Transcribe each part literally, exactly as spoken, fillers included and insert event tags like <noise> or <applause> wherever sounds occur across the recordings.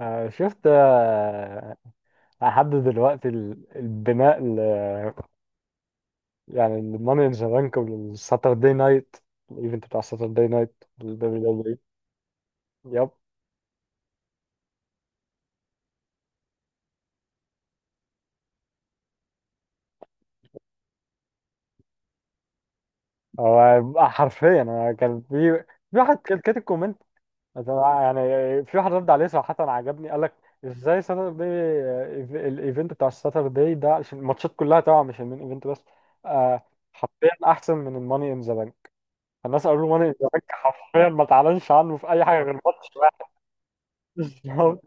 آه، شفت آه، لحد دلوقتي ال- البناء ل يعني الماني ان ذا بانك والساتردي نايت الايفنت بتاع ساتردي نايت الدبليو دبليو يب. هو حرفيا انا كان في في واحد كان كاتب كومنت مثلا يعني. في واحد رد عليه صراحة عجبني، قال لك ازاي ساتردي الايفنت بتاع الساتردي ده، عشان الماتشات كلها طبعا مش المين ايفنت بس. آه، حرفيا احسن من الماني ان ذا بانك. الناس قالوا له ماني إزاك حرفيا ما تعلنش عنه في اي حاجه غير ماتش واحد. <laughs> مش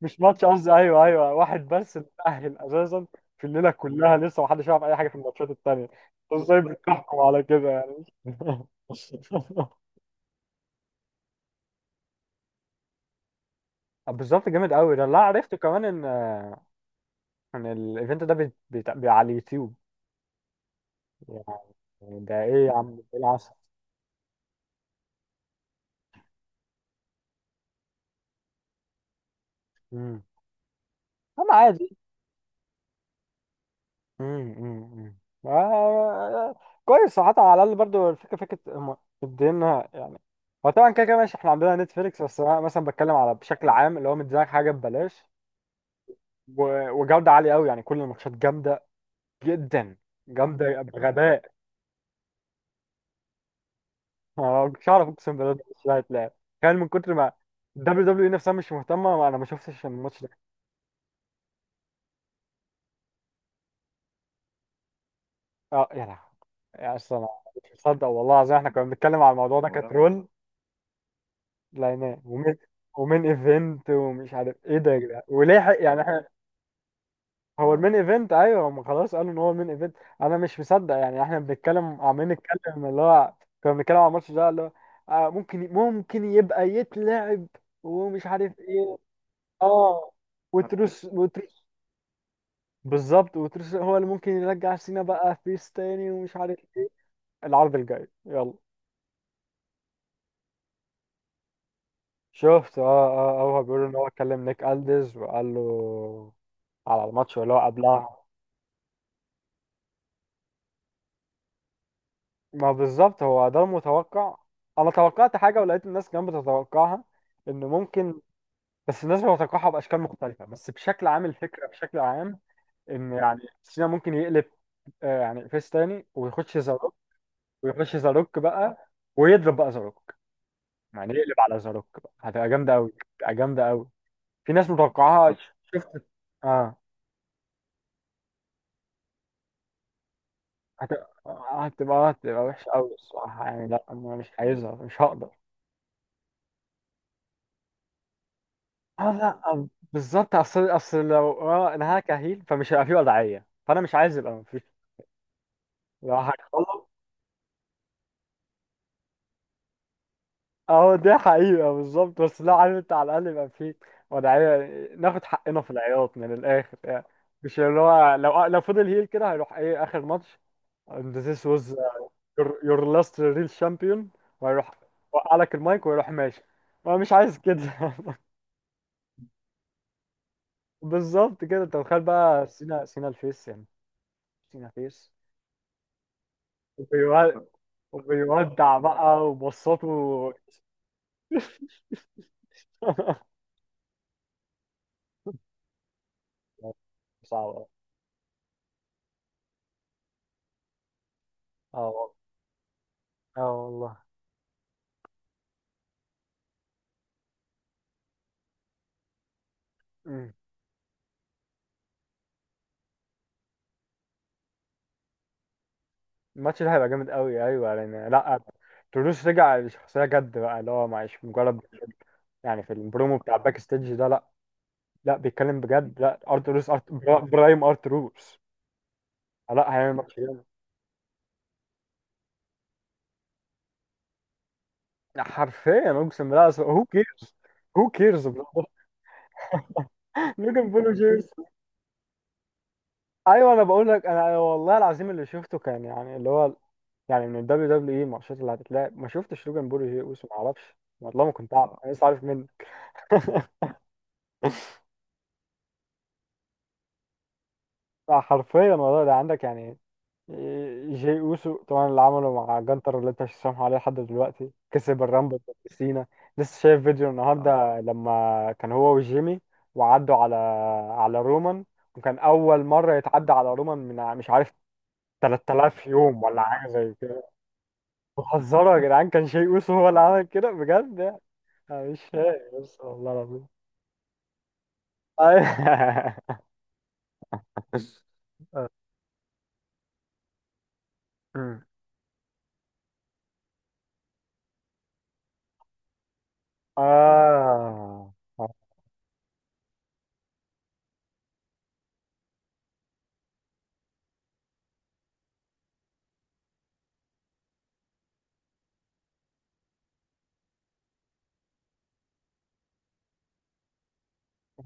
مش ماتش، قصدي ايوه ايوه، واحد بس اللي تأهل اساسا في الليله كلها، لسه ما حدش يعرف اي حاجه في الماتشات التانيه، انت ازاي بتحكم على كده يعني. <laughs> بالظبط جامد قوي ده. لا، عرفته كمان ان ان الايفنت ده بي... بي... بي... على اليوتيوب. يعني ده ايه يا عم، ايه العسل. امم انا عادي. امم امم آه، كويس صراحة. على الأقل برضو الفكرة فكرة، هم مدينا يعني. هو طبعا كده كده ماشي، احنا عندنا نتفليكس، بس أنا مثلا بتكلم على بشكل عام، اللي هو مديلك حاجة ببلاش و- وجودة عالية أوي. يعني كل الماتشات جامدة جدا، جامدة بغباء. أنا مش هعرف، أقسم بالله ده مش هيتلعب. تخيل من كتر ما الدبليو دبليو إي نفسها مش مهتمة، ما أنا ما شفتش الماتش ده. أه يا لهوي، يعني أصلا أنا مش مصدق والله العظيم. احنا كنا بنتكلم على الموضوع ده كترول، لعناه. ومين، ومين ايفنت ومش عارف ايه ده يا جدعان، ولحق يعني احنا. هو المين ايفنت، ايوه هم خلاص قالوا ان هو المين ايفنت. انا مش مصدق، يعني احنا بنتكلم عمالين نتكلم اللي هو كنا بنتكلم على الماتش ده اللي هو آه، ممكن ممكن يبقى يتلعب ومش عارف ايه. اه، وتروس وتروس. بالظبط، وتروس هو اللي ممكن يرجع سينا بقى فيس تاني ومش عارف ايه. العرض الجاي، يلا. شفت، اه اه. آه، هو بيقول ان هو كلم نيك الدز وقال له على الماتش اللي هو قبلها. ما بالظبط هو ده المتوقع. انا توقعت حاجه ولقيت الناس كمان بتتوقعها، ان ممكن. بس الناس بتتوقعها باشكال مختلفه، بس بشكل عام الفكره بشكل عام ان يعني سينا ممكن يقلب آه، يعني فيس تاني ويخش زاروك. ويخش زاروك بقى، ويضرب بقى زاروك، يعني يقلب على زاروك بقى، هتبقى جامده قوي، هتبقى جامده قوي. في ناس متوقعاها. شفت، اه. هتبقى هتبقى هتبقى وحشه قوي الصراحه، يعني لا انا مش عايزها، مش هقدر. اه لا، آه، بالظبط. اصل اصل لو اه انها كهيل، فمش هيبقى فيه وضعيه، فانا مش عايز يبقى مفيش، لو هتخلص. اه دي حقيقه بالظبط، بس لو عارف انت على الاقل يبقى فيه وضعيه، ناخد حقنا في العياط من الاخر يعني. مش اللي هو لو آه، لو فضل هيل كده، هيروح ايه اخر ماتش. and this was your, your last real champion. وهيروح، وقع لك المايك ويروح ماشي. انا مش عايز كده. <laughs> بالظبط كده، انت متخيل بقى سينا، سينا الفيس يعني، سينا فيس، وبيو- وبيودع بقى وبصاته. <laughs> صعبة. اه والله، اه والله. مم. الماتش ده هيبقى جامد قوي ايوه، لان لا تولوز رجع لشخصية جد بقى، اللي هو مش مجرد يعني. في البرومو بتاع الباك ستيج ده، لا، لا بيتكلم بجد. لا ارتروس، أرت... برا- برايم ارتروس. لا هيعمل ماتش جامد. حرفيا اقسم بالله هو كيرز، هو كيرز. <laughs> لوجان بول وجيرز. <laughs> ايوه انا بقول لك، انا أنا والله العظيم اللي شفته كان يعني اللي هو يعني من ال دبليو دبليو إي الماتشات اللي هتتلعب ما شفتش لوجان بول وجي اوسو، ما اعرفش والله ما كنت اعرف، انا لسه عارف منه. <laughs> حرفيا والله ده عندك يعني. إيه، جي اوسو طبعا اللي عمله مع جانتر اللي انت مش سامحه عليه لحد دلوقتي، كسب الرامبل ضد سينا. لسه شايف فيديو اه النهارده لما كان هو وجيمي وعدوا على على رومان، وكان اول مره يتعدى على رومان من ع- مش عارف تلات آلاف يوم ولا حاجه زي كده. بتهزروا يا جدعان، كان شيء اوسو هو اللي عمل كده بجد. أنا مش فاهم، بس والله العظيم. أيوة. أمم. <laughs> آه،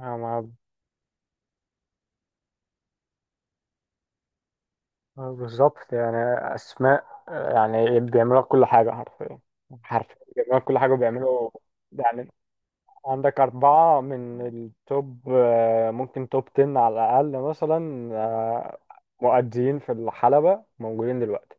آه، ما- بالظبط يعني. أسماء، يعني بيعملوا لك كل حاجة حرفيا، حرفيا بيعملوا لك كل حاجة وبيعملوا يعني. عندك أربعة من التوب، آه، ممكن توب عشرة على الأقل مثلا، آه، مؤديين في الحلبة موجودين دلوقتي.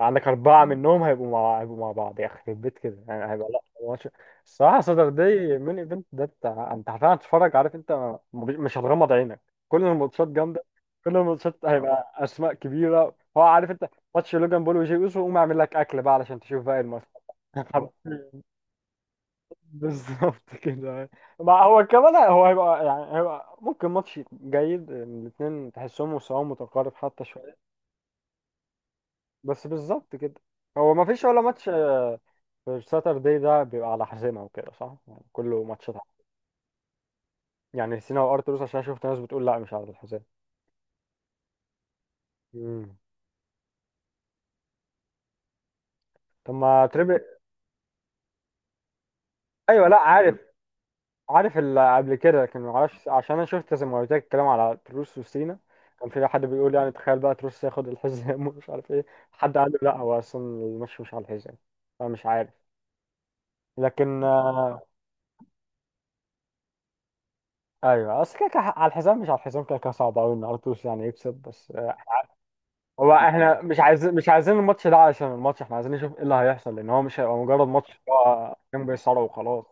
عندك أربعة منهم هيبقوا مع هيبقوا مع بعض، يخرب بيت كده يعني. هيبقى لا ماتش، الصراحة، صدر دي مين ايفنت ده. انت انت حرفيا هتتفرج، عارف انت ما- مش هتغمض عينك. كل الماتشات جامدة، كل الماتشات هيبقى أسماء كبيرة. هو عارف انت. ماتش لوجان بول وجي أوسو، قوم اعمل لك أكل بقى علشان تشوف بقى الماتش. <laughs> بالظبط كده. ما هو كمان هو هيبقى يعني، هيبقى ممكن ماتش جيد، الاثنين تحسهم مستواهم متقارب حتى شوية. بس بالظبط كده، هو ما فيش ولا ماتش. الساتردي ده بيبقى على حزامة وكده، صح؟ يعني كله ماتشات. يعني سينا وارتروس عشان شفت ناس بتقول لا مش على الحزام. مم. طب ما تريبل. ايوه لا عارف، عارف اللي قبل كده، لكن ما اعرفش عشان انا شفت زي ما قلت لك الكلام على تروس وسينا. كان في حد بيقول يعني تخيل بقى تروس ياخد الحزام <laughs> ومش عارف ايه، حد قال له لا هو اصلا الماتش مش على الحزام، فمش عارف. لكن آه، ايوه. اصل كده كده على الحزام مش على الحزام، كده كده صعب قوي ان ارتروس يعني يكسب. بس آه، هو احنا مش عايزين مش عايزين الماتش ده عشان الماتش، احنا عايزين نشوف ايه اللي هيحصل، لان هو مش هيبقى مجرد ماتش، هو كان بيصارع وخلاص.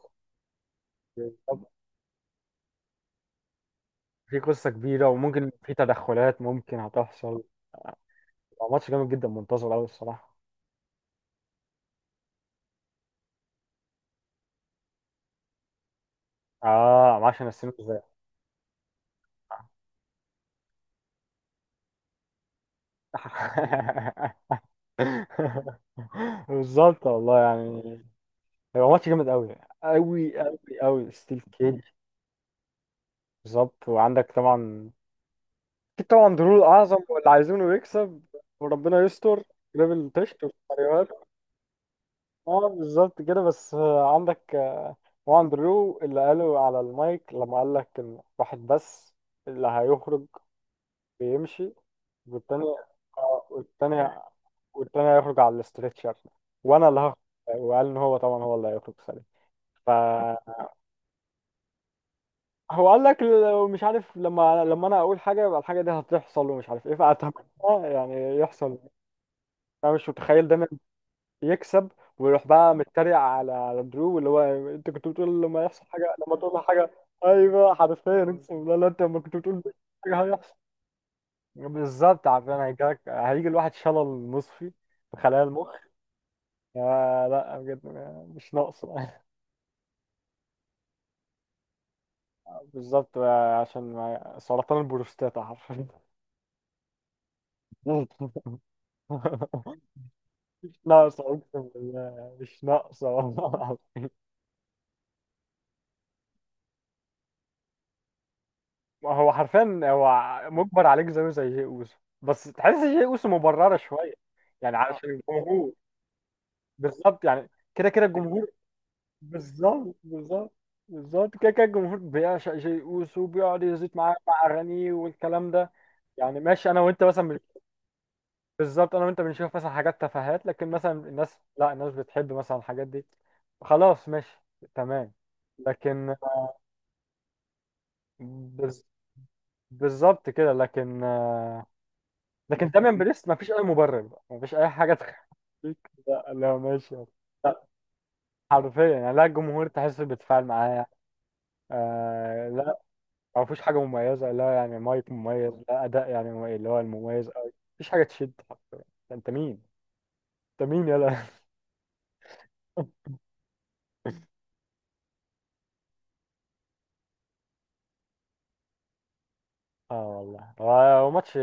طب في قصة كبيرة، وممكن في تدخلات ممكن هتحصل. هو ماتش جامد جدا، منتظر قوي الصراحة. اه عشان السنين ازاي. <laughs> بالظبط والله يعني، هيبقى ماتش جامد قوي، قوي قوي قوي. ستيل كيج. بالظبط وعندك طبعا، اكيد طبعا درو الاعظم واللي عايزينه يكسب، وربنا يستر. ليفل تشت. اه بالظبط كده. بس آه، عندك آه، واندرو اللي قاله على المايك لما قال لك ان واحد بس اللي هيخرج بيمشي، والتاني آه، والتاني، والتاني هيخرج على الاسترتشر، وانا اللي هخرج. وقال ان هو طبعا هو اللي هيخرج سليم. فهو قال لك لو مش عارف، لما لما انا اقول حاجه يبقى الحاجه دي هتحصل ومش عارف ايه، فاتمنى يعني يحصل. انا مش متخيل ده يكسب، ويروح بقى متريق على على درو، اللي هو انت كنت بتقول لما يحصل حاجه، لما تقول له حاجه. ايوه حرفيا اقسم بالله، لا انت لما كنت بتقول حاجه هيحصل. بالظبط، عارفين هيجيلك، هيجي الواحد شلل نصفي في خلايا المخ. آه لا بجد، مش ناقصه. <laughs> بالظبط، آه، عشان ما- سرطان البروستاتا حرفيا. <laughs> مش ناقصه اقسم بالله، مش ناقصه. <laughs> ما هو حرفيا هو مجبر عليك زيه زي جي اوسو، بس تحس جي اوسو مبررة شوية يعني، اه علشان الجمهور. بالظبط يعني، كده كده الجمهور. بالظبط، بالظبط، بالظبط كده كده الجمهور بيعشق جي اوسو وبيقعد يزيد معاه مع اغانيه والكلام ده. يعني ماشي، انا وانت مثلا بن- بالظبط، انا وانت بنشوف مثلا حاجات تفاهات، لكن مثلا الناس لا الناس بتحب مثلا الحاجات دي. خلاص ماشي، تمام. لكن بز- بالظبط كده. لكن لكن داميان بريست مفيش اي مبرر بقى، مفيش اي حاجه تخليك لا لا ماشي. لا حرفيا يعني لا، الجمهور تحس بيتفاعل معاه. آه لا، مفيش حاجه مميزه، لا يعني مايك مميز لا اداء يعني مميز اللي هو المميز أوي، مفيش حاجه تشد حرفيا. انت مين، انت مين يلا. <laughs> اه والله. هو ماتش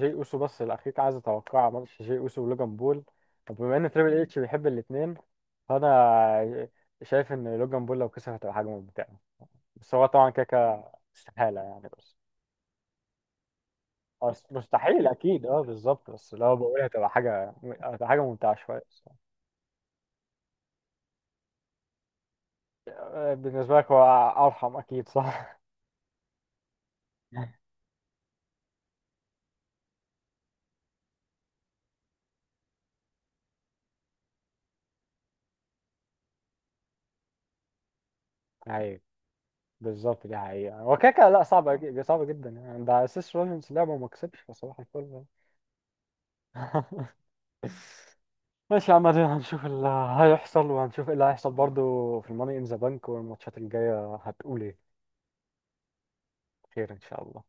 جي اوسو بس الاخير كان عايز اتوقع ماتش جي اوسو ولوجان بول. طب بما ان تريبل اتش بيحب الاثنين، فانا شايف ان لوجان بول لو كسب هتبقى حاجه ممتعه. بس هو طبعا كده كده استحالة يعني. بس أص- مستحيل أكيد، أه بالظبط. بس لو بقولها تبقى حاجة، هتبقى حاجة ممتعة شوية الصراحة. آه، بالنسبة لك هو أرحم أكيد، صح؟ <laughs> أيوه بالظبط، دي حقيقة. هو كده كده لا صعبة جي- صعبة جدا يعني، ده أساس روجنز لعبة وما كسبش فصباح الفل يعني. <laughs> ماشي يا عم، ادينا هنشوف اللي هيحصل، وهنشوف ايه اللي هيحصل برضو في الماني ان ذا بانك والماتشات الجاية هتقول ايه. خير ان شاء الله.